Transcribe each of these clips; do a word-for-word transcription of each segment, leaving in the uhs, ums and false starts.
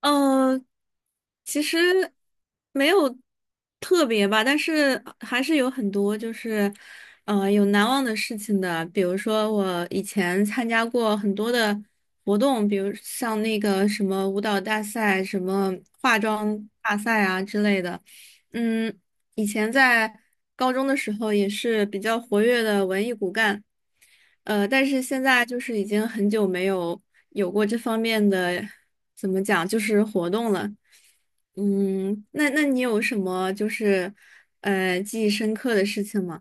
嗯，呃其实没有特别吧，但是还是有很多就是，呃，有难忘的事情的。比如说我以前参加过很多的活动，比如像那个什么舞蹈大赛、什么化妆大赛啊之类的。嗯，以前在高中的时候也是比较活跃的文艺骨干，呃，但是现在就是已经很久没有有过这方面的，怎么讲，就是活动了。嗯，那那你有什么就是呃记忆深刻的事情吗？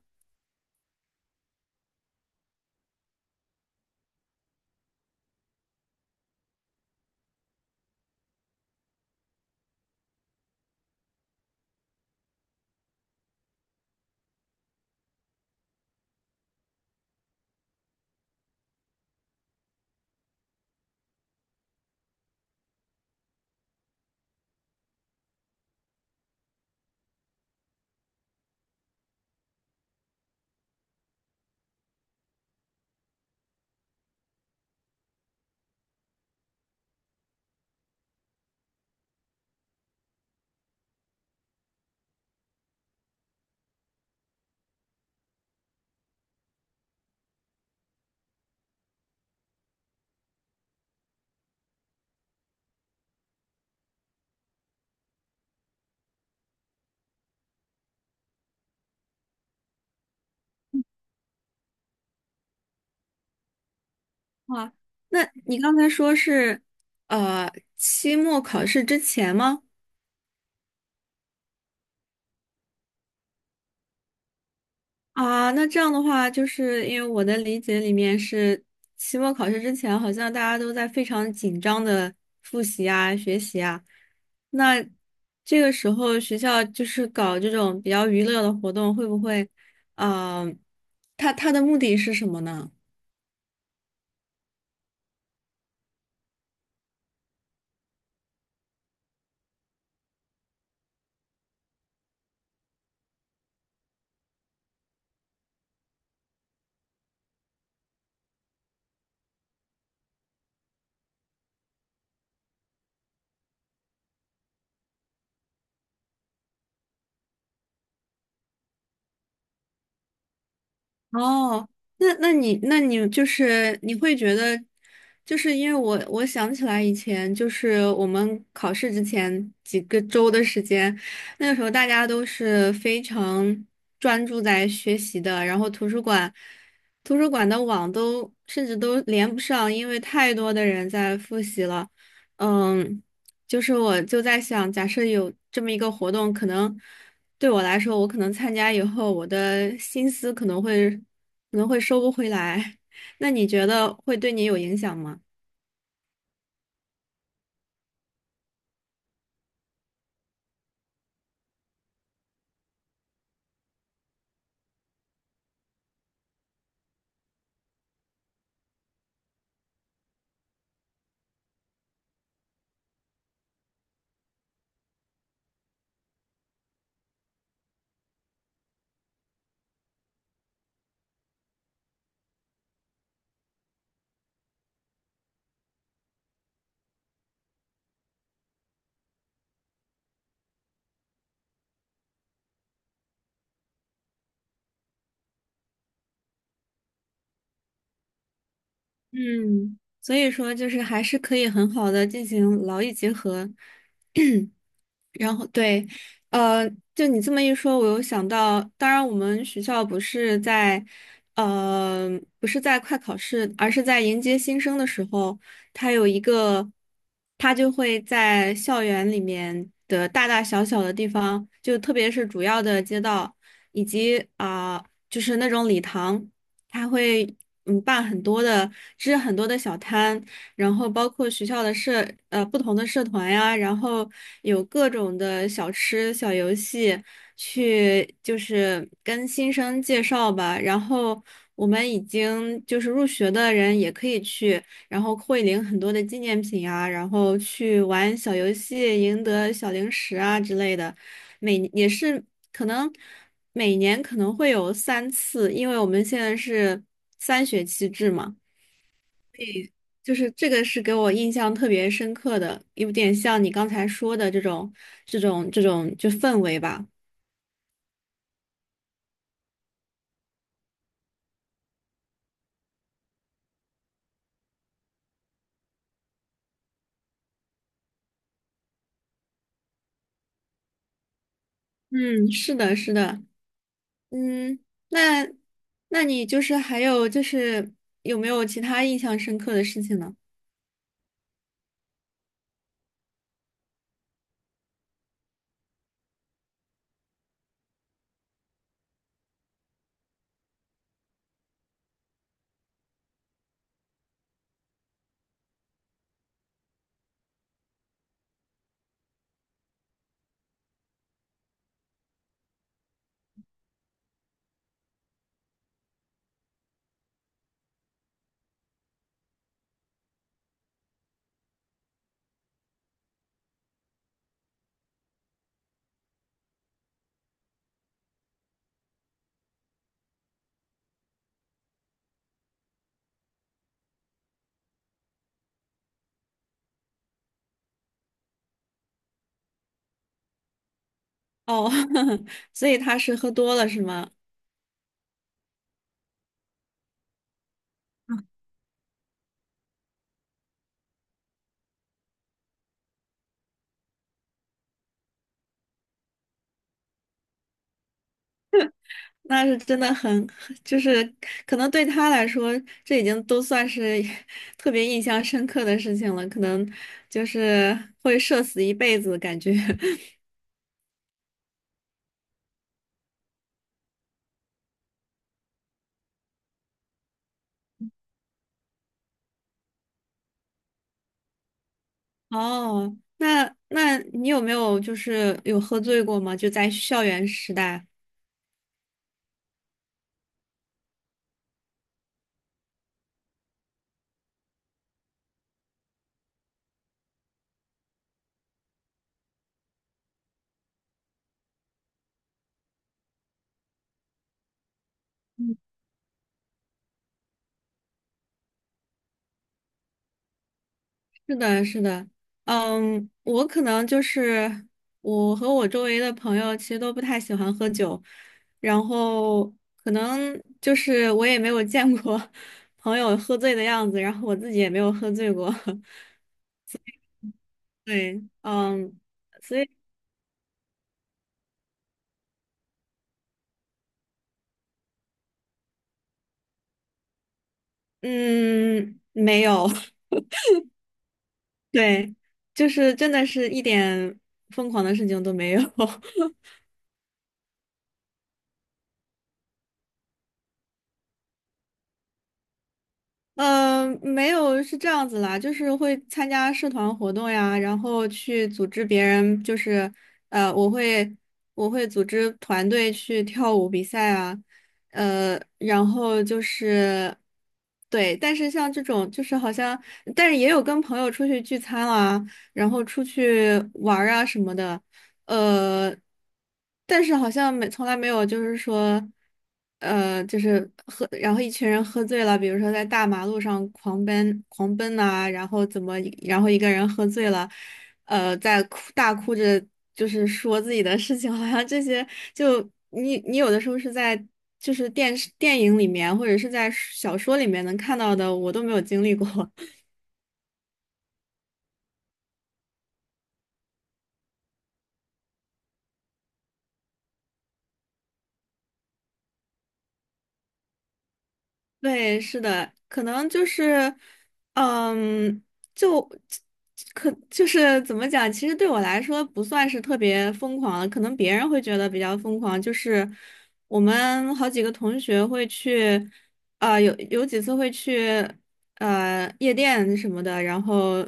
哇，那你刚才说是呃期末考试之前吗？啊，那这样的话，就是因为我的理解里面是，期末考试之前好像大家都在非常紧张的复习啊、学习啊。那这个时候学校就是搞这种比较娱乐的活动，会不会，嗯、呃他他的目的是什么呢？哦，那那你那你就是你会觉得，就是因为我我想起来以前就是我们考试之前几个周的时间，那个时候大家都是非常专注在学习的，然后图书馆图书馆的网都甚至都连不上，因为太多的人在复习了。嗯，就是我就在想，假设有这么一个活动，可能对我来说，我可能参加以后，我的心思可能会可能会收不回来。那你觉得会对你有影响吗？嗯，所以说就是还是可以很好的进行劳逸结合，然后对，呃，就你这么一说，我又想到，当然我们学校不是在，呃，不是在快考试，而是在迎接新生的时候，他有一个，他就会在校园里面的大大小小的地方，就特别是主要的街道以及啊、就是那种礼堂。他会嗯办很多的，支很多的小摊，然后包括学校的社呃不同的社团呀，然后有各种的小吃、小游戏，去就是跟新生介绍吧。然后我们已经就是入学的人也可以去，然后会领很多的纪念品啊，然后去玩小游戏，赢得小零食啊之类的。每也是。可能每年可能会有三次，因为我们现在是三学期制嘛，就是这个是给我印象特别深刻的，有点像你刚才说的这种这种这种就氛围吧。嗯，是的，是的，嗯，那那你就是还有就是有没有其他印象深刻的事情呢？哦，所以他是喝多了是吗？那是真的很，就是可能对他来说，这已经都算是 特别印象深刻的事情了，可能就是会社死一辈子感觉。哦，那那你有没有就是有喝醉过吗？就在校园时代。是的，是的，嗯，我可能就是我和我周围的朋友其实都不太喜欢喝酒，然后可能就是我也没有见过 朋友喝醉的样子，然后我自己也没有喝醉过，对，嗯，所以嗯，没有，对，就是真的是一点疯狂的事情都没有，呃，没有，是这样子啦，就是会参加社团活动呀，然后去组织别人，就是呃，我会我会组织团队去跳舞比赛啊，呃，然后就是对，但是像这种就是好像，但是也有跟朋友出去聚餐啦，然后出去玩儿啊什么的，呃，但是好像没从来没有，就是说，呃，就是喝，然后一群人喝醉了，比如说在大马路上狂奔、狂奔呐、然后怎么，然后一个人喝醉了，呃，在哭大哭着，就是说自己的事情，好像这些就你你有的时候是在就是电视电影里面或者是在小说里面能看到的，我都没有经历过。对，是的，可能就是，嗯，就可就是怎么讲？其实对我来说不算是特别疯狂的，可能别人会觉得比较疯狂。就是我们好几个同学会去，啊、有有几次会去，呃，夜店什么的，然后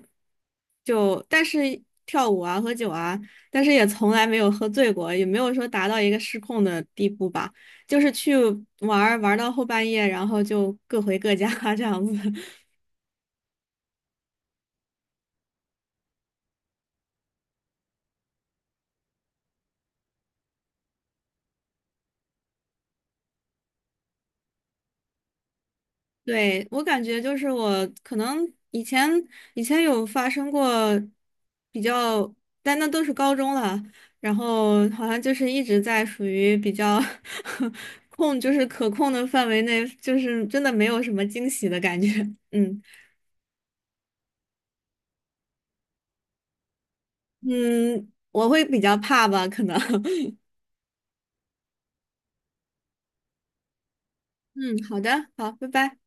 就但是跳舞啊、喝酒啊，但是也从来没有喝醉过，也没有说达到一个失控的地步吧。就是去玩儿玩儿到后半夜，然后就各回各家 这样子。对，我感觉就是我可能以前以前有发生过比较，但那都是高中了，然后好像就是一直在属于比较 控，就是可控的范围内，就是真的没有什么惊喜的感觉。嗯嗯，我会比较怕吧，可能。嗯，好的，好，拜拜。